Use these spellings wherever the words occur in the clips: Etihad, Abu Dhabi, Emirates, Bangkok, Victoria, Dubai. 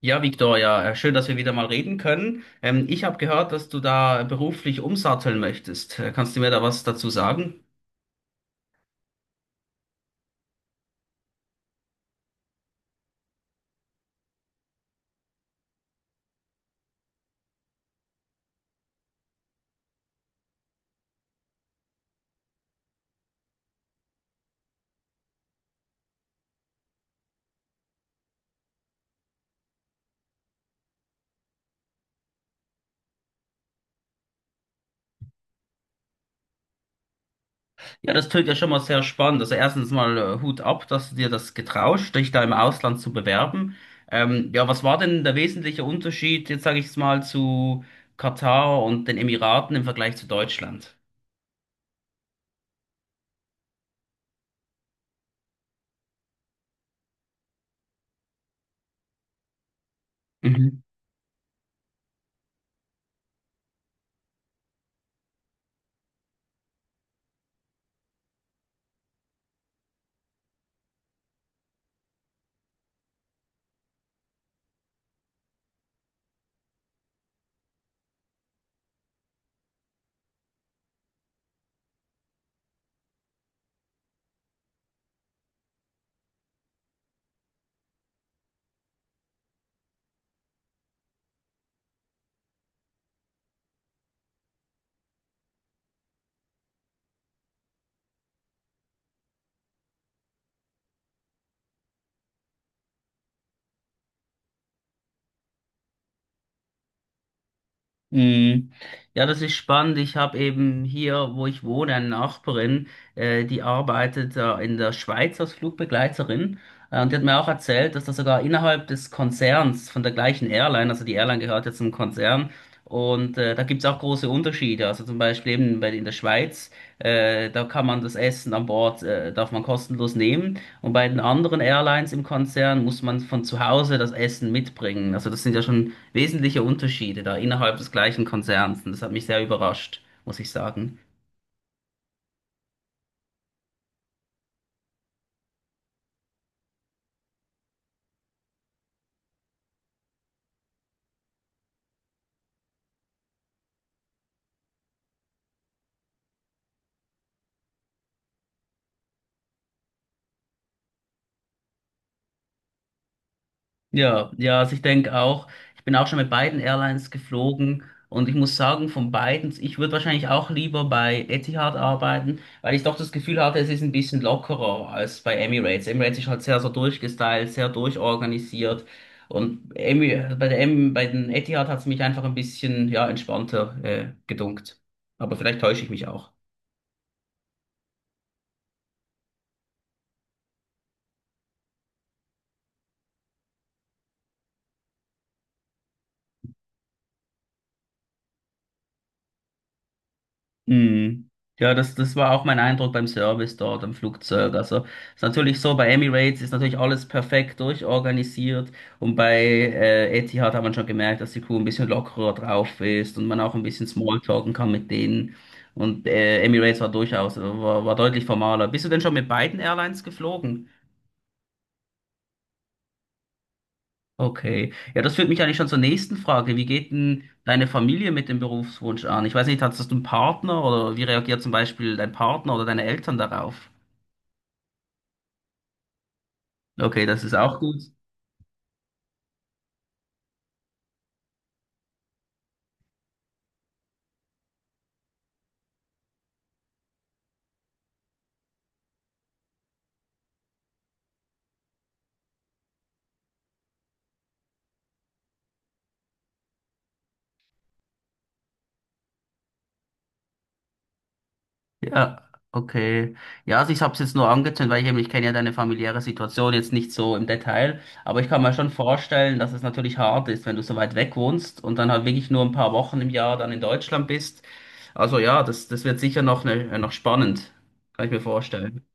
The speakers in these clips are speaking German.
Ja, Victoria, schön, dass wir wieder mal reden können. Ich habe gehört, dass du da beruflich umsatteln möchtest. Kannst du mir da was dazu sagen? Ja, das tönt ja schon mal sehr spannend. Also erstens mal Hut ab, dass du dir das getraust, dich da im Ausland zu bewerben. Ja, was war denn der wesentliche Unterschied, jetzt sage ich es mal, zu Katar und den Emiraten im Vergleich zu Deutschland? Mhm. Mhm. Ja, das ist spannend. Ich habe eben hier, wo ich wohne, eine Nachbarin, die arbeitet in der Schweiz als Flugbegleiterin. Und die hat mir auch erzählt, dass da sogar innerhalb des Konzerns von der gleichen Airline, also die Airline gehört ja zum Konzern, und da gibt's auch große Unterschiede. Also zum Beispiel eben in der Schweiz, da kann man das Essen an Bord darf man kostenlos nehmen. Und bei den anderen Airlines im Konzern muss man von zu Hause das Essen mitbringen. Also das sind ja schon wesentliche Unterschiede da innerhalb des gleichen Konzerns. Und das hat mich sehr überrascht, muss ich sagen. Ja, ja, also ich denke auch, ich bin auch schon mit beiden Airlines geflogen und ich muss sagen, von beiden, ich würde wahrscheinlich auch lieber bei Etihad arbeiten, weil ich doch das Gefühl hatte, es ist ein bisschen lockerer als bei Emirates. Emirates ist halt sehr so durchgestylt, sehr durchorganisiert und Emi, bei der Em, bei den Etihad hat es mich einfach ein bisschen, ja, entspannter, gedunkt. Aber vielleicht täusche ich mich auch. Mhm. Ja, das war auch mein Eindruck beim Service dort am Flugzeug. Also ist natürlich so, bei Emirates ist natürlich alles perfekt durchorganisiert und bei Etihad hat man schon gemerkt, dass die Crew ein bisschen lockerer drauf ist und man auch ein bisschen Smalltalken kann mit denen. Und Emirates war durchaus, war deutlich formaler. Bist du denn schon mit beiden Airlines geflogen? Okay. Ja, das führt mich eigentlich schon zur nächsten Frage. Wie geht denn deine Familie mit dem Berufswunsch an? Ich weiß nicht, hast du einen Partner oder wie reagiert zum Beispiel dein Partner oder deine Eltern darauf? Okay, das ist auch gut. Ja, okay. Ja, also ich habe es jetzt nur angezündet, weil ich eben, ich kenne ja deine familiäre Situation jetzt nicht so im Detail, aber ich kann mir schon vorstellen, dass es natürlich hart ist, wenn du so weit weg wohnst und dann halt wirklich nur ein paar Wochen im Jahr dann in Deutschland bist. Also ja, das wird sicher noch, ne, noch spannend, kann ich mir vorstellen.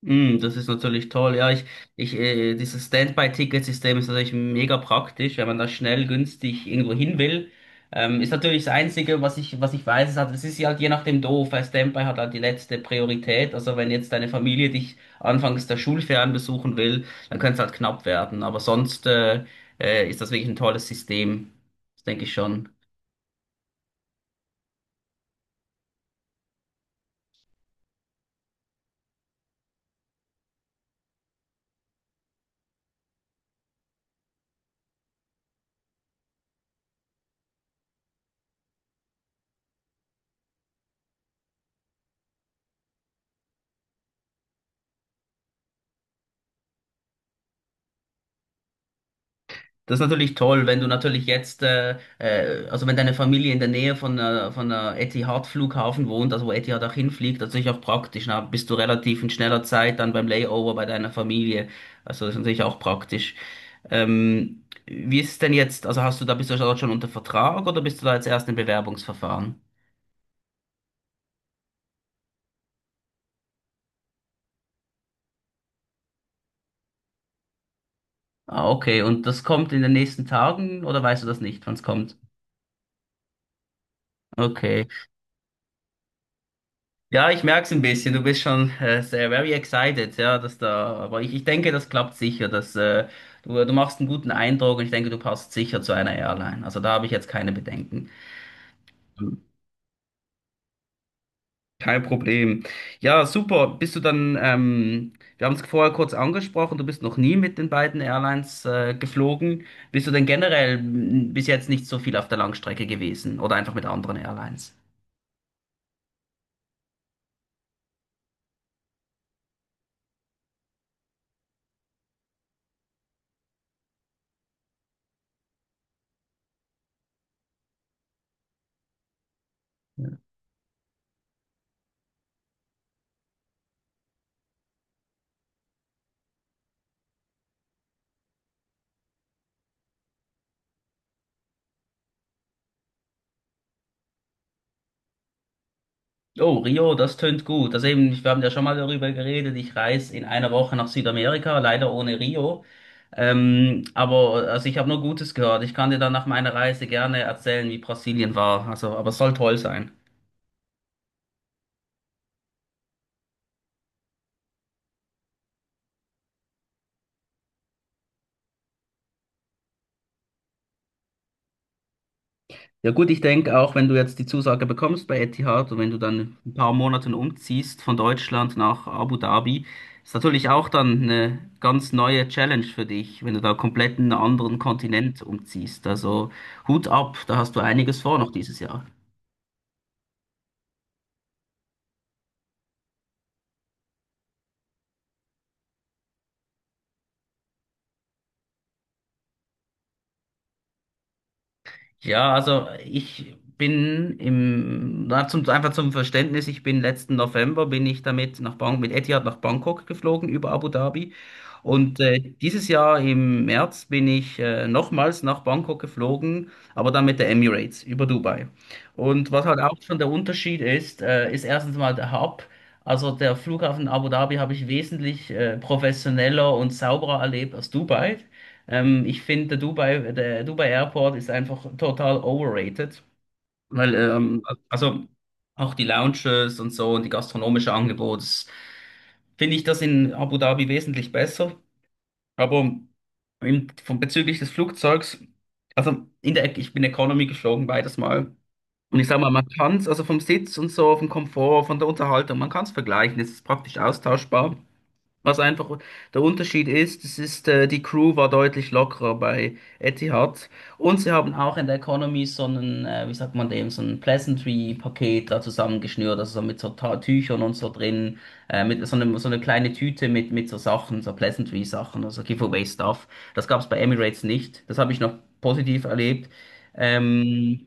Mm, das ist natürlich toll. Ja, dieses Standby-Ticket-System ist natürlich mega praktisch, wenn man da schnell, günstig irgendwo hin will. Ist natürlich das Einzige, was ich weiß, ist halt, es ist ja halt je nachdem doof, weil Standby hat halt die letzte Priorität. Also wenn jetzt deine Familie dich anfangs der Schulferien besuchen will, dann könnte es halt knapp werden. Aber sonst, ist das wirklich ein tolles System. Das denke ich schon. Das ist natürlich toll, wenn du natürlich jetzt, also wenn deine Familie in der Nähe von Etihad-Flughafen wohnt, also wo Etihad auch hinfliegt, das ist natürlich auch praktisch. Na, bist du relativ in schneller Zeit dann beim Layover bei deiner Familie. Also das ist natürlich auch praktisch. Wie ist es denn jetzt? Also hast du da, bist du dort schon unter Vertrag oder bist du da jetzt erst im Bewerbungsverfahren? Ah, okay. Und das kommt in den nächsten Tagen oder weißt du das nicht, wann es kommt? Okay. Ja, ich merk's ein bisschen. Du bist schon sehr very excited, ja, dass da. Aber ich denke, das klappt sicher. Du machst einen guten Eindruck und ich denke, du passt sicher zu einer Airline. Also da habe ich jetzt keine Bedenken. Kein Problem. Ja, super. Bist du dann, wir haben es vorher kurz angesprochen, du bist noch nie mit den beiden Airlines geflogen. Bist du denn generell bis jetzt nicht so viel auf der Langstrecke gewesen oder einfach mit anderen Airlines? Oh, Rio, das tönt gut. Also eben, wir haben ja schon mal darüber geredet. Ich reise in einer Woche nach Südamerika, leider ohne Rio. Aber also ich habe nur Gutes gehört. Ich kann dir dann nach meiner Reise gerne erzählen, wie Brasilien war. Also, aber es soll toll sein. Ja gut, ich denke auch, wenn du jetzt die Zusage bekommst bei Etihad und wenn du dann ein paar Monaten umziehst von Deutschland nach Abu Dhabi, ist natürlich auch dann eine ganz neue Challenge für dich, wenn du da komplett in einen anderen Kontinent umziehst. Also Hut ab, da hast du einiges vor noch dieses Jahr. Ja, also ich bin im, na, zum, einfach zum Verständnis, ich bin letzten November bin ich damit mit Etihad nach Bangkok geflogen über Abu Dhabi. Und dieses Jahr im März bin ich nochmals nach Bangkok geflogen, aber dann mit der Emirates über Dubai. Und was halt auch schon der Unterschied ist, ist erstens mal der Hub. Also der Flughafen Abu Dhabi habe ich wesentlich professioneller und sauberer erlebt als Dubai. Ich finde, der Dubai Airport ist einfach total overrated, weil, also auch die Lounges und so und die gastronomische Angebot, das finde ich das in Abu Dhabi wesentlich besser. Aber bezüglich des Flugzeugs, ich bin Economy geflogen beides Mal. Und ich sag mal, also vom Sitz und so, vom Komfort, von der Unterhaltung, man kann es vergleichen, es ist praktisch austauschbar. Was einfach der Unterschied ist, die Crew war deutlich lockerer bei Etihad. Und sie haben auch in der Economy so einen, wie sagt man dem, so ein Pleasantry-Paket da zusammengeschnürt, also so mit so Ta Tüchern und so drin, mit so einem, so eine kleine Tüte mit so Sachen, so Pleasantry-Sachen, also Giveaway-Stuff. Das gab es bei Emirates nicht. Das habe ich noch positiv erlebt. Ähm,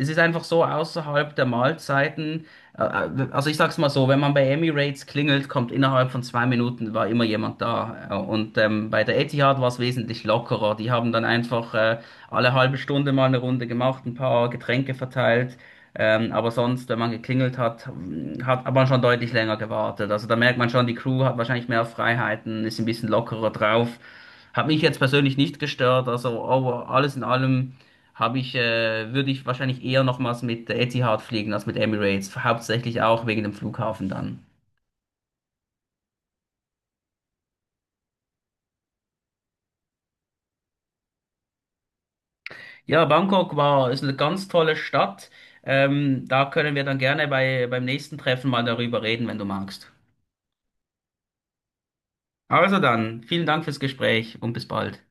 es ist einfach so außerhalb der Mahlzeiten. Also ich sag's mal so, wenn man bei Emirates klingelt, kommt innerhalb von 2 Minuten war immer jemand da. Und bei der Etihad war es wesentlich lockerer. Die haben dann einfach alle halbe Stunde mal eine Runde gemacht, ein paar Getränke verteilt. Aber sonst, wenn man geklingelt hat, hat man schon deutlich länger gewartet. Also da merkt man schon, die Crew hat wahrscheinlich mehr Freiheiten, ist ein bisschen lockerer drauf. Hat mich jetzt persönlich nicht gestört. Also oh, alles in allem würde ich wahrscheinlich eher nochmals mit Etihad fliegen als mit Emirates, hauptsächlich auch wegen dem Flughafen dann. Ja, Bangkok war, ist eine ganz tolle Stadt. Da können wir dann gerne beim nächsten Treffen mal darüber reden, wenn du magst. Also dann, vielen Dank fürs Gespräch und bis bald.